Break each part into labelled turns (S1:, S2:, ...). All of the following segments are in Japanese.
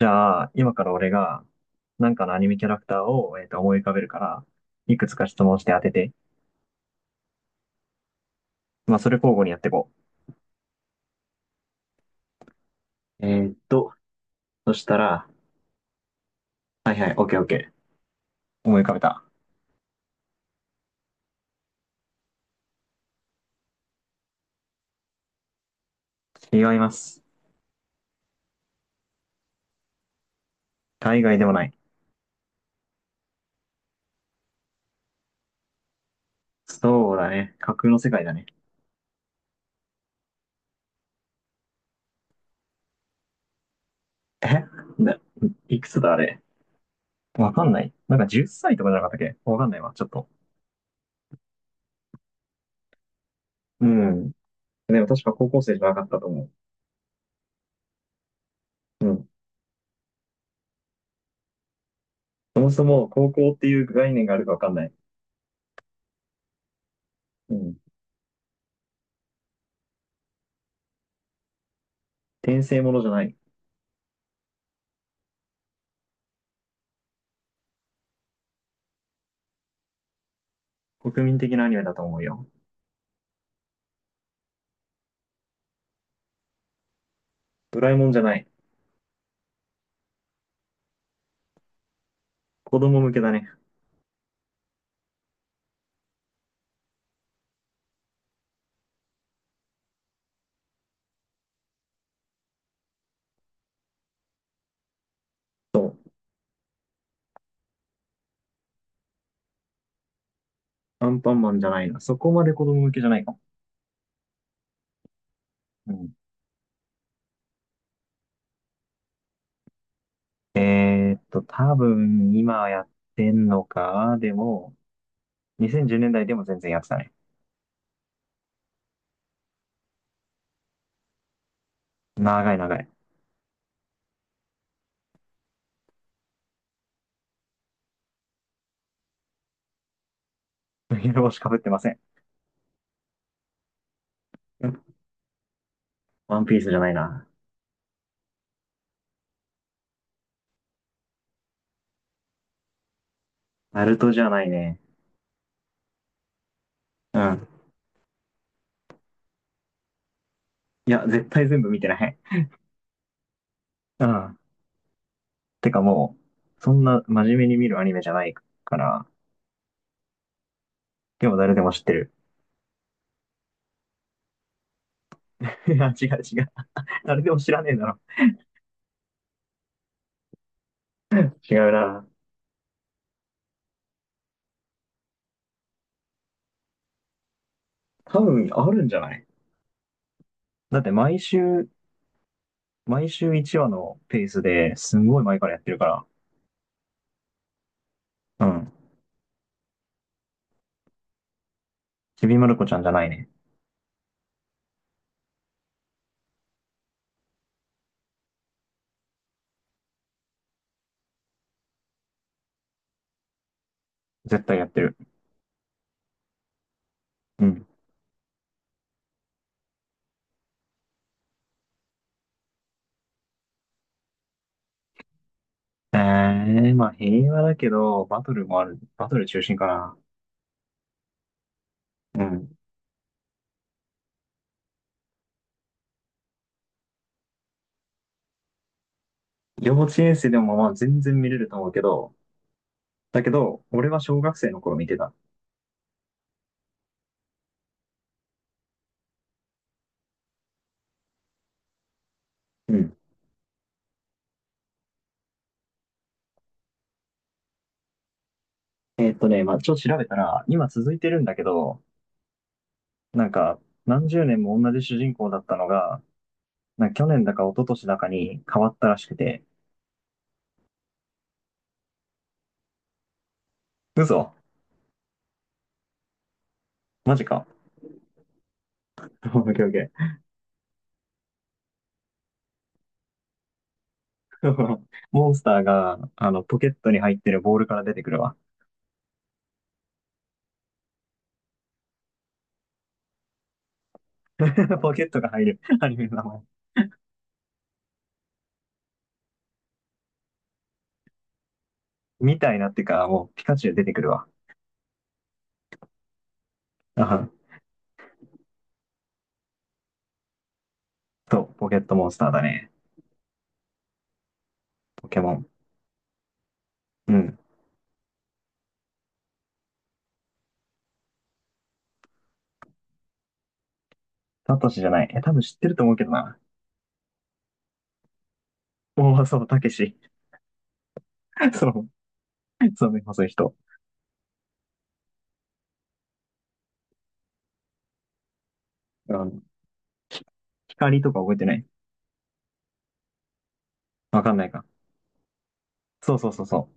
S1: じゃあ、今から俺が、なんかのアニメキャラクターを、思い浮かべるから、いくつか質問して当てて。まあ、それ交互にやっていこう。そしたら、はいはい、オッケーオッケー。思い浮かべた。違います。海外でもない。そうだね。架空の世界だね。えな、いくつだあれ。わかんない。なんか10歳とかじゃなかったっけ、わかんないわ、ちょっと。うん。でも確か高校生じゃなかったと思う。うん。そもそも高校っていう概念があるかわかんない。うん。転生ものじゃない。国民的なアニメだと思うよ。ドラえもんじゃない。子供向けだね。そう。アンパンマンじゃないな。そこまで子供向けじゃないかも。うん。多分今やってんのか。でも、2010年代でも全然やってたね。長い長い。麦わら帽子かぶってません。うん、ワンピースじゃないな。ナルトじゃないね。うん。いや、絶対全部見てない。うん。てかもう、そんな真面目に見るアニメじゃないから、でも誰でも知ってる。いや、違う違う。誰でも知らねえだろ。違うな。多分あるんじゃない？だって毎週、毎週1話のペースですんごい前からやってるから。うん。ちびまる子ちゃんじゃないね。絶対やってる。うん。えー、まあ平和だけど、バトルもある。バトル中心かな。うん。幼稚園生でもまあ全然見れると思うけど、だけど、俺は小学生の頃見てた。うん。ね、まあちょっと調べたら、今続いてるんだけど、なんか、何十年も同じ主人公だったのが、なんか去年だか一昨年だかに変わったらしくて。嘘、マジか。オッケーオッケー。モンスターが、あの、ポケットに入ってるボールから出てくるわ。ポケットが入る アニメの名前。みたいなってか、もうピカチュウ出てくるわ。あはと、ポケットモンスターだね。ポケモン。うん。サトシじゃない。え、多分知ってると思うけどな。おお、そう、たけし。そう、そうね、そういう人。あの、光とか覚えてない？わかんないか。そうそうそうそ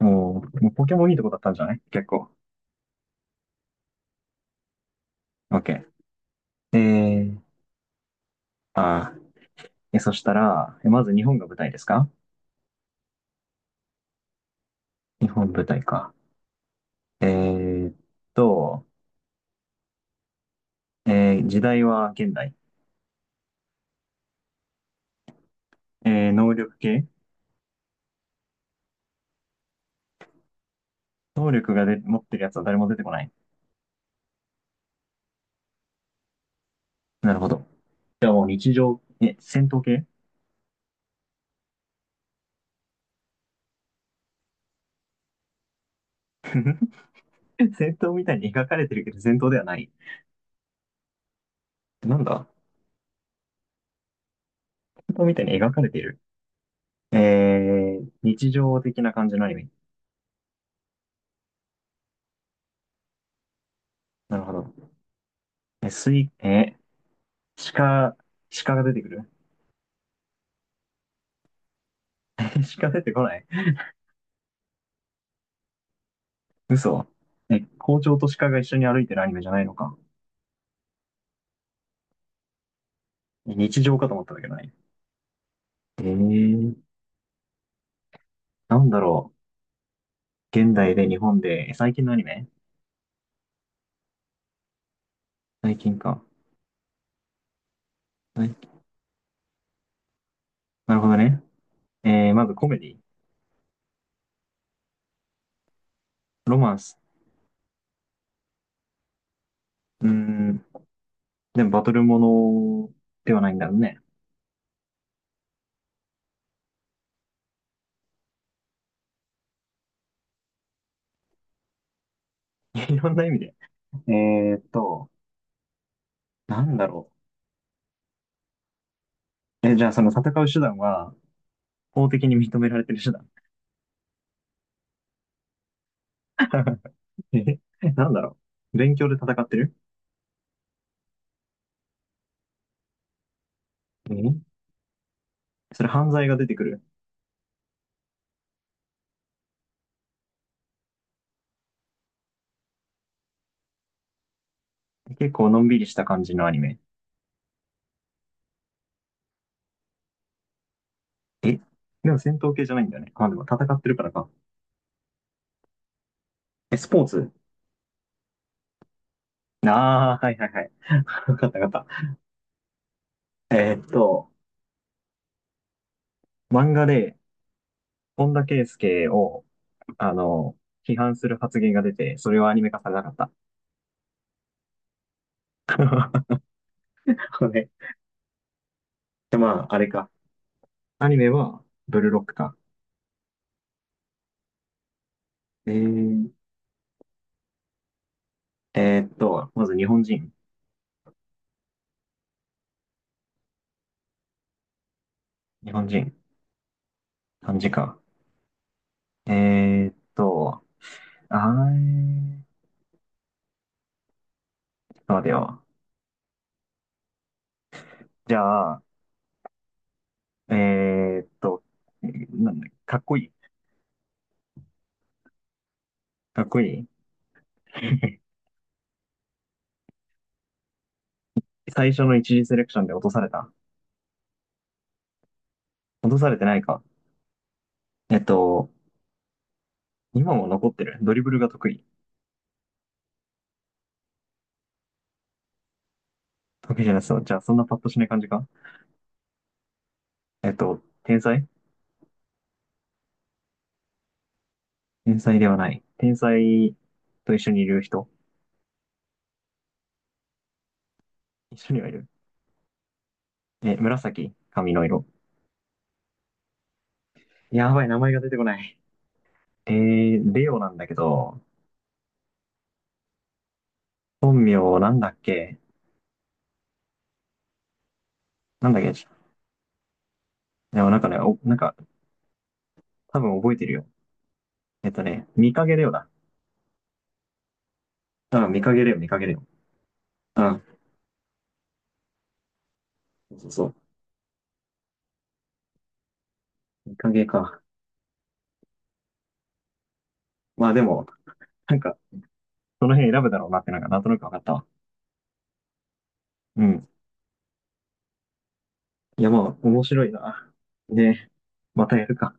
S1: う。もう、もうポケモンいいとこだったんじゃない、結構。オッケー。ー、あそしたら、え、まず日本が舞台ですか？日本舞台か。えーっと、えー時代は現代。えー能力系？能力がで持ってるやつは誰も出てこない。なるほど。じゃあもう日常、え、戦闘系？ 戦闘みたいに描かれてるけど戦闘ではない。なんだ、戦闘みたいに描かれてる。えー、日常的な感じのアニメ。なるほど。え、水、えー、鹿、鹿が出てくる？ 鹿出てこない？嘘。え、校長と鹿が一緒に歩いてるアニメじゃないのか。日常かと思ったんだけどね。えー、なんだろう。現代で日本で、え最近のアニメ？最近か。最近、なるほどね。えー、まずコメディ、ロマンス。うーん、でもバトルものではないんだろうね。いろんな意味で。えーっと、なんだろう。え、じゃあその戦う手段は、法的に認められてる手段。え、なんだろう。勉強で戦ってる？えそれ犯罪が出てくる。結構のんびりした感じのアニメ。え、でも戦闘系じゃないんだよね。まあ、でも戦ってるからか。え、スポーツ？ああー、はいはいはい。わかったわかった。えーっと、漫画で、本田圭佑を、あの、批判する発言が出て、それはアニメ化されなかった。ねで、まあ、あれか。アニメは、ブルーロックか。えー、えーっと、まず日本人。日本人。漢字か。えーっと、あー、ちょっと待てよ。じゃあ、えーっと、なんだ、かっこいい。かっこいい。最初の一次セレクションで落とされた。落とされてないか。えっと、今も残ってる。ドリブルが得意。わけじゃないですよ。じゃあ、そんなパッとしない感じか？えっと、天才？天才ではない。天才と一緒にいる人？一緒にはいる？え、紫髪の色。やばい、名前が出てこない。えー、レオなんだけど、本名なんだっけ？なんだっけちょ、でもなんかね、お、なんか、多分覚えてるよ。えっとね、見かげレオだ。あ、見かけレオ、見かけレオ、あ、そうそうそう。見かけか。まあでも、なんか、その辺選ぶだろうなってなんか、なんとなくわかったわ。うん。いやまあ、面白いな。ね、またやるか。